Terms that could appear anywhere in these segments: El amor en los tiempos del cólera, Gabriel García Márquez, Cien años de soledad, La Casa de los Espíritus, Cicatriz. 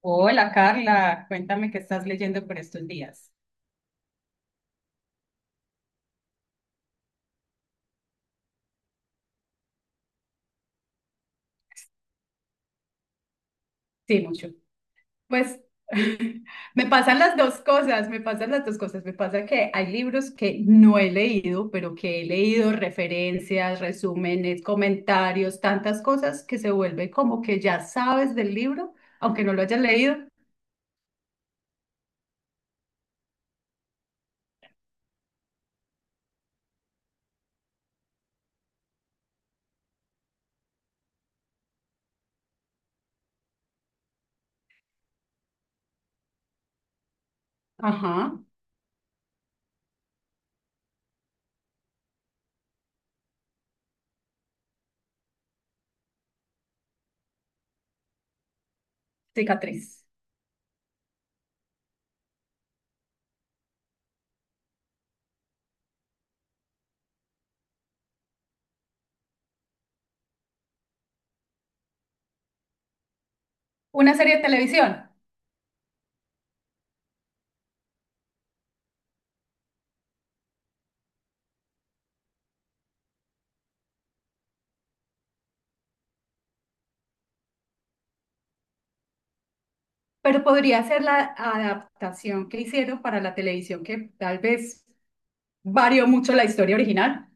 Hola Carla, cuéntame qué estás leyendo por estos días. Sí, mucho. Pues me pasan las dos cosas, me pasan las dos cosas. Me pasa que hay libros que no he leído, pero que he leído referencias, resúmenes, comentarios, tantas cosas que se vuelve como que ya sabes del libro, aunque no lo hayas leído. Ajá. Cicatriz. ¿Una serie de televisión? Pero podría ser la adaptación que hicieron para la televisión, que tal vez varió mucho la historia original.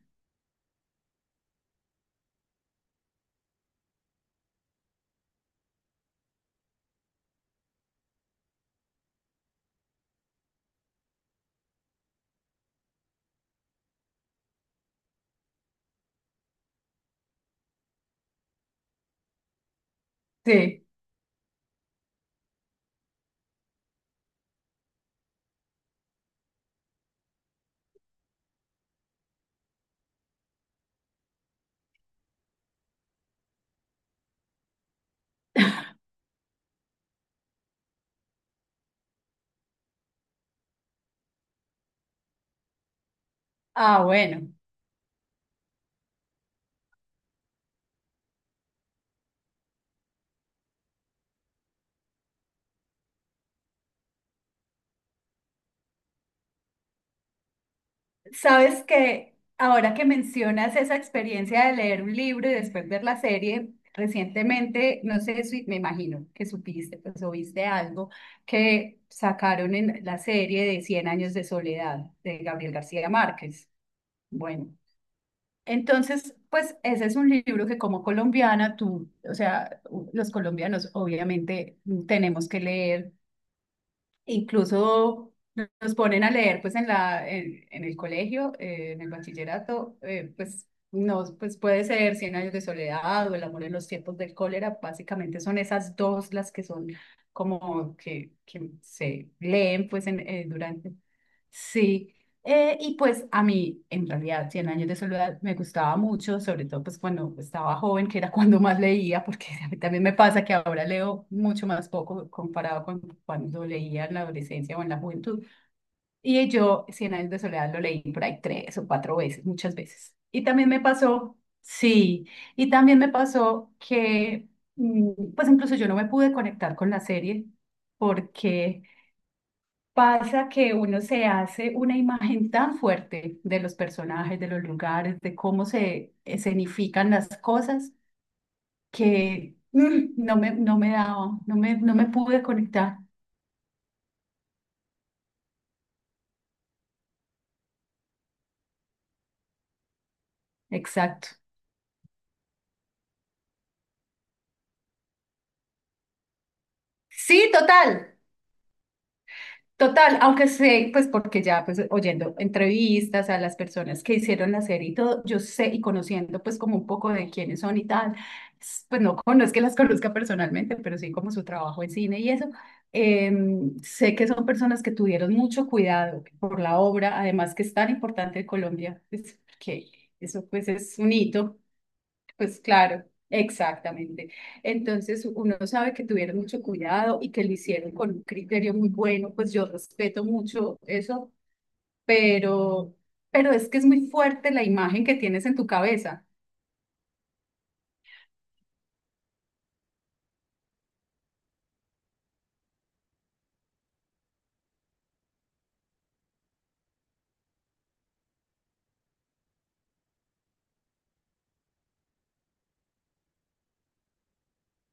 Sí. Ah, bueno. Sabes que ahora que mencionas esa experiencia de leer un libro y después ver la serie, recientemente, no sé, si me imagino que supiste, pues, o viste algo que sacaron en la serie de Cien años de soledad de Gabriel García Márquez. Bueno, entonces, pues ese es un libro que como colombiana tú, o sea, los colombianos obviamente tenemos que leer. Incluso nos ponen a leer pues en la, en el colegio, en el bachillerato, pues nos pues puede ser Cien años de soledad o El amor en los tiempos del cólera, básicamente son esas dos las que son como que se leen pues en, durante. Sí, y pues a mí, en realidad, Cien años de soledad me gustaba mucho, sobre todo pues cuando estaba joven, que era cuando más leía, porque a mí también me pasa que ahora leo mucho más poco comparado con cuando leía en la adolescencia o en la juventud. Y yo Cien años de soledad lo leí por ahí tres o cuatro veces, muchas veces. Y también me pasó, sí, y también me pasó que pues incluso yo no me pude conectar con la serie porque pasa que uno se hace una imagen tan fuerte de los personajes, de los lugares, de cómo se escenifican las cosas, que no me daba, no me pude conectar. Exacto. Sí, total. Total, aunque sé, pues porque ya pues oyendo entrevistas a las personas que hicieron la serie y todo, yo sé y conociendo pues como un poco de quiénes son y tal, pues no, no es que las conozca personalmente, pero sí como su trabajo en cine y eso, sé que son personas que tuvieron mucho cuidado por la obra, además que es tan importante en Colombia, pues, que eso pues es un hito. Pues claro, exactamente. Entonces uno sabe que tuvieron mucho cuidado y que lo hicieron con un criterio muy bueno, pues yo respeto mucho eso, pero, pero es que es muy fuerte la imagen que tienes en tu cabeza.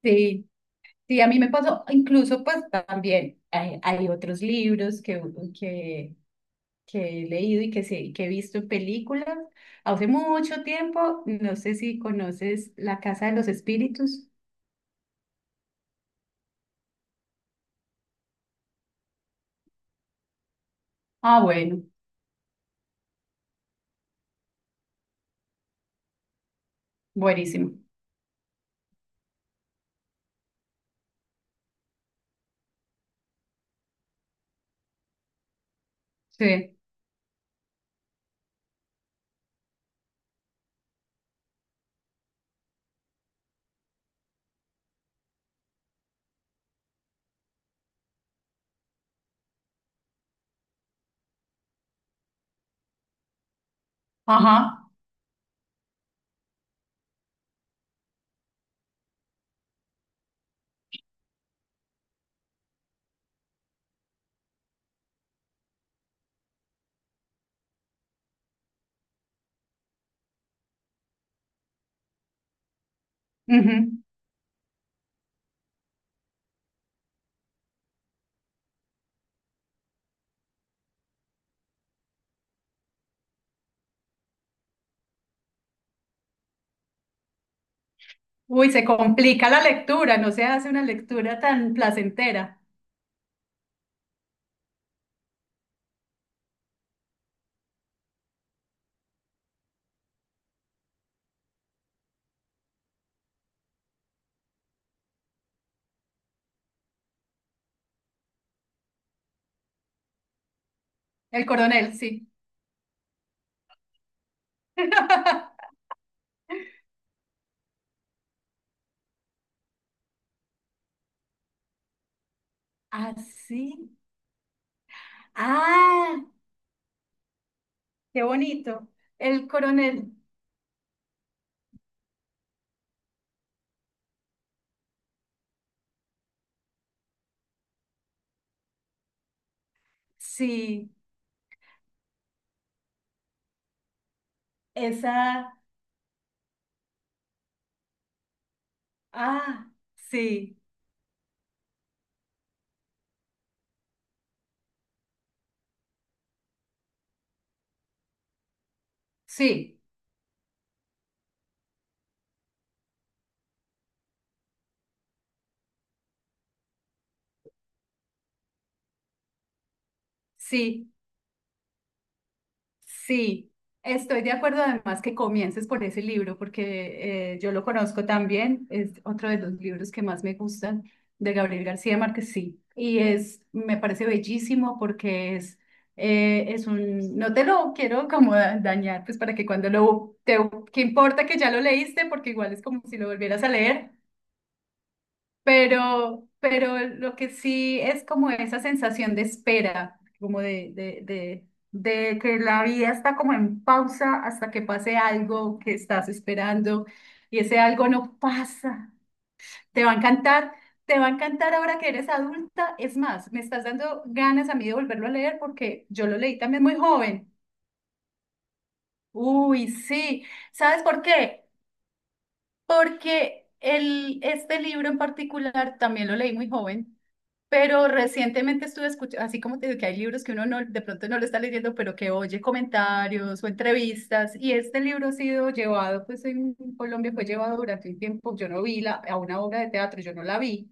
Sí, sí, a mí me pasó, incluso pues también hay otros libros que, que he leído y que, que he visto en películas. Hace mucho tiempo, no sé si conoces La Casa de los Espíritus. Ah, bueno, buenísimo. Sí. Ajá. Ujú. Uy, se complica la lectura, no se hace una lectura tan placentera. El coronel, sí. Así. Ah, qué bonito. El coronel, sí. Esa. Ah, sí. Sí, sí. Sí, estoy de acuerdo además que comiences por ese libro, porque yo lo conozco también, es otro de los libros que más me gustan de Gabriel García Márquez, sí, y es, me parece bellísimo porque es un, no te lo quiero como dañar, pues para que cuando lo, te, qué importa que ya lo leíste, porque igual es como si lo volvieras a leer, pero lo que sí es como esa sensación de espera, como de, de que la vida está como en pausa hasta que pase algo que estás esperando y ese algo no pasa. Te va a encantar, te va a encantar ahora que eres adulta. Es más, me estás dando ganas a mí de volverlo a leer porque yo lo leí también muy joven. Uy, sí. ¿Sabes por qué? Porque el, este libro en particular también lo leí muy joven, pero recientemente estuve escuchando, así como te digo que hay libros que uno no, de pronto no lo está leyendo, pero que oye comentarios o entrevistas, y este libro ha sido llevado, pues en Colombia fue llevado durante un tiempo, yo no vi la, a una obra de teatro, yo no la vi,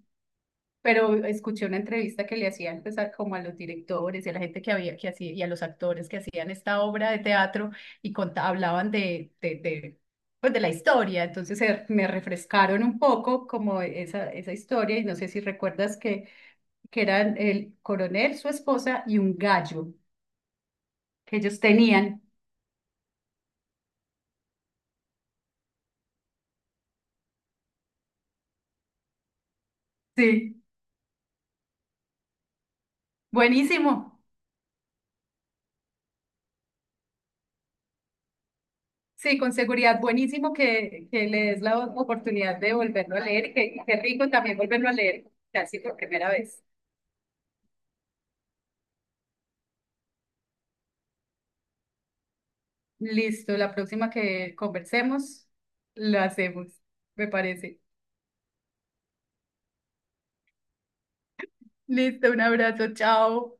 pero escuché una entrevista que le hacían pues, como a los directores y a la gente que había que hacía y a los actores que hacían esta obra de teatro y hablaban de, de, pues, de la historia. Entonces me refrescaron un poco como esa historia y no sé si recuerdas que eran el coronel, su esposa y un gallo que ellos tenían. Sí, buenísimo. Sí, con seguridad, buenísimo que le des la oportunidad de volverlo a leer y qué rico también volverlo a leer casi por primera vez. Listo, la próxima que conversemos, lo hacemos, me parece. Listo, un abrazo, chao.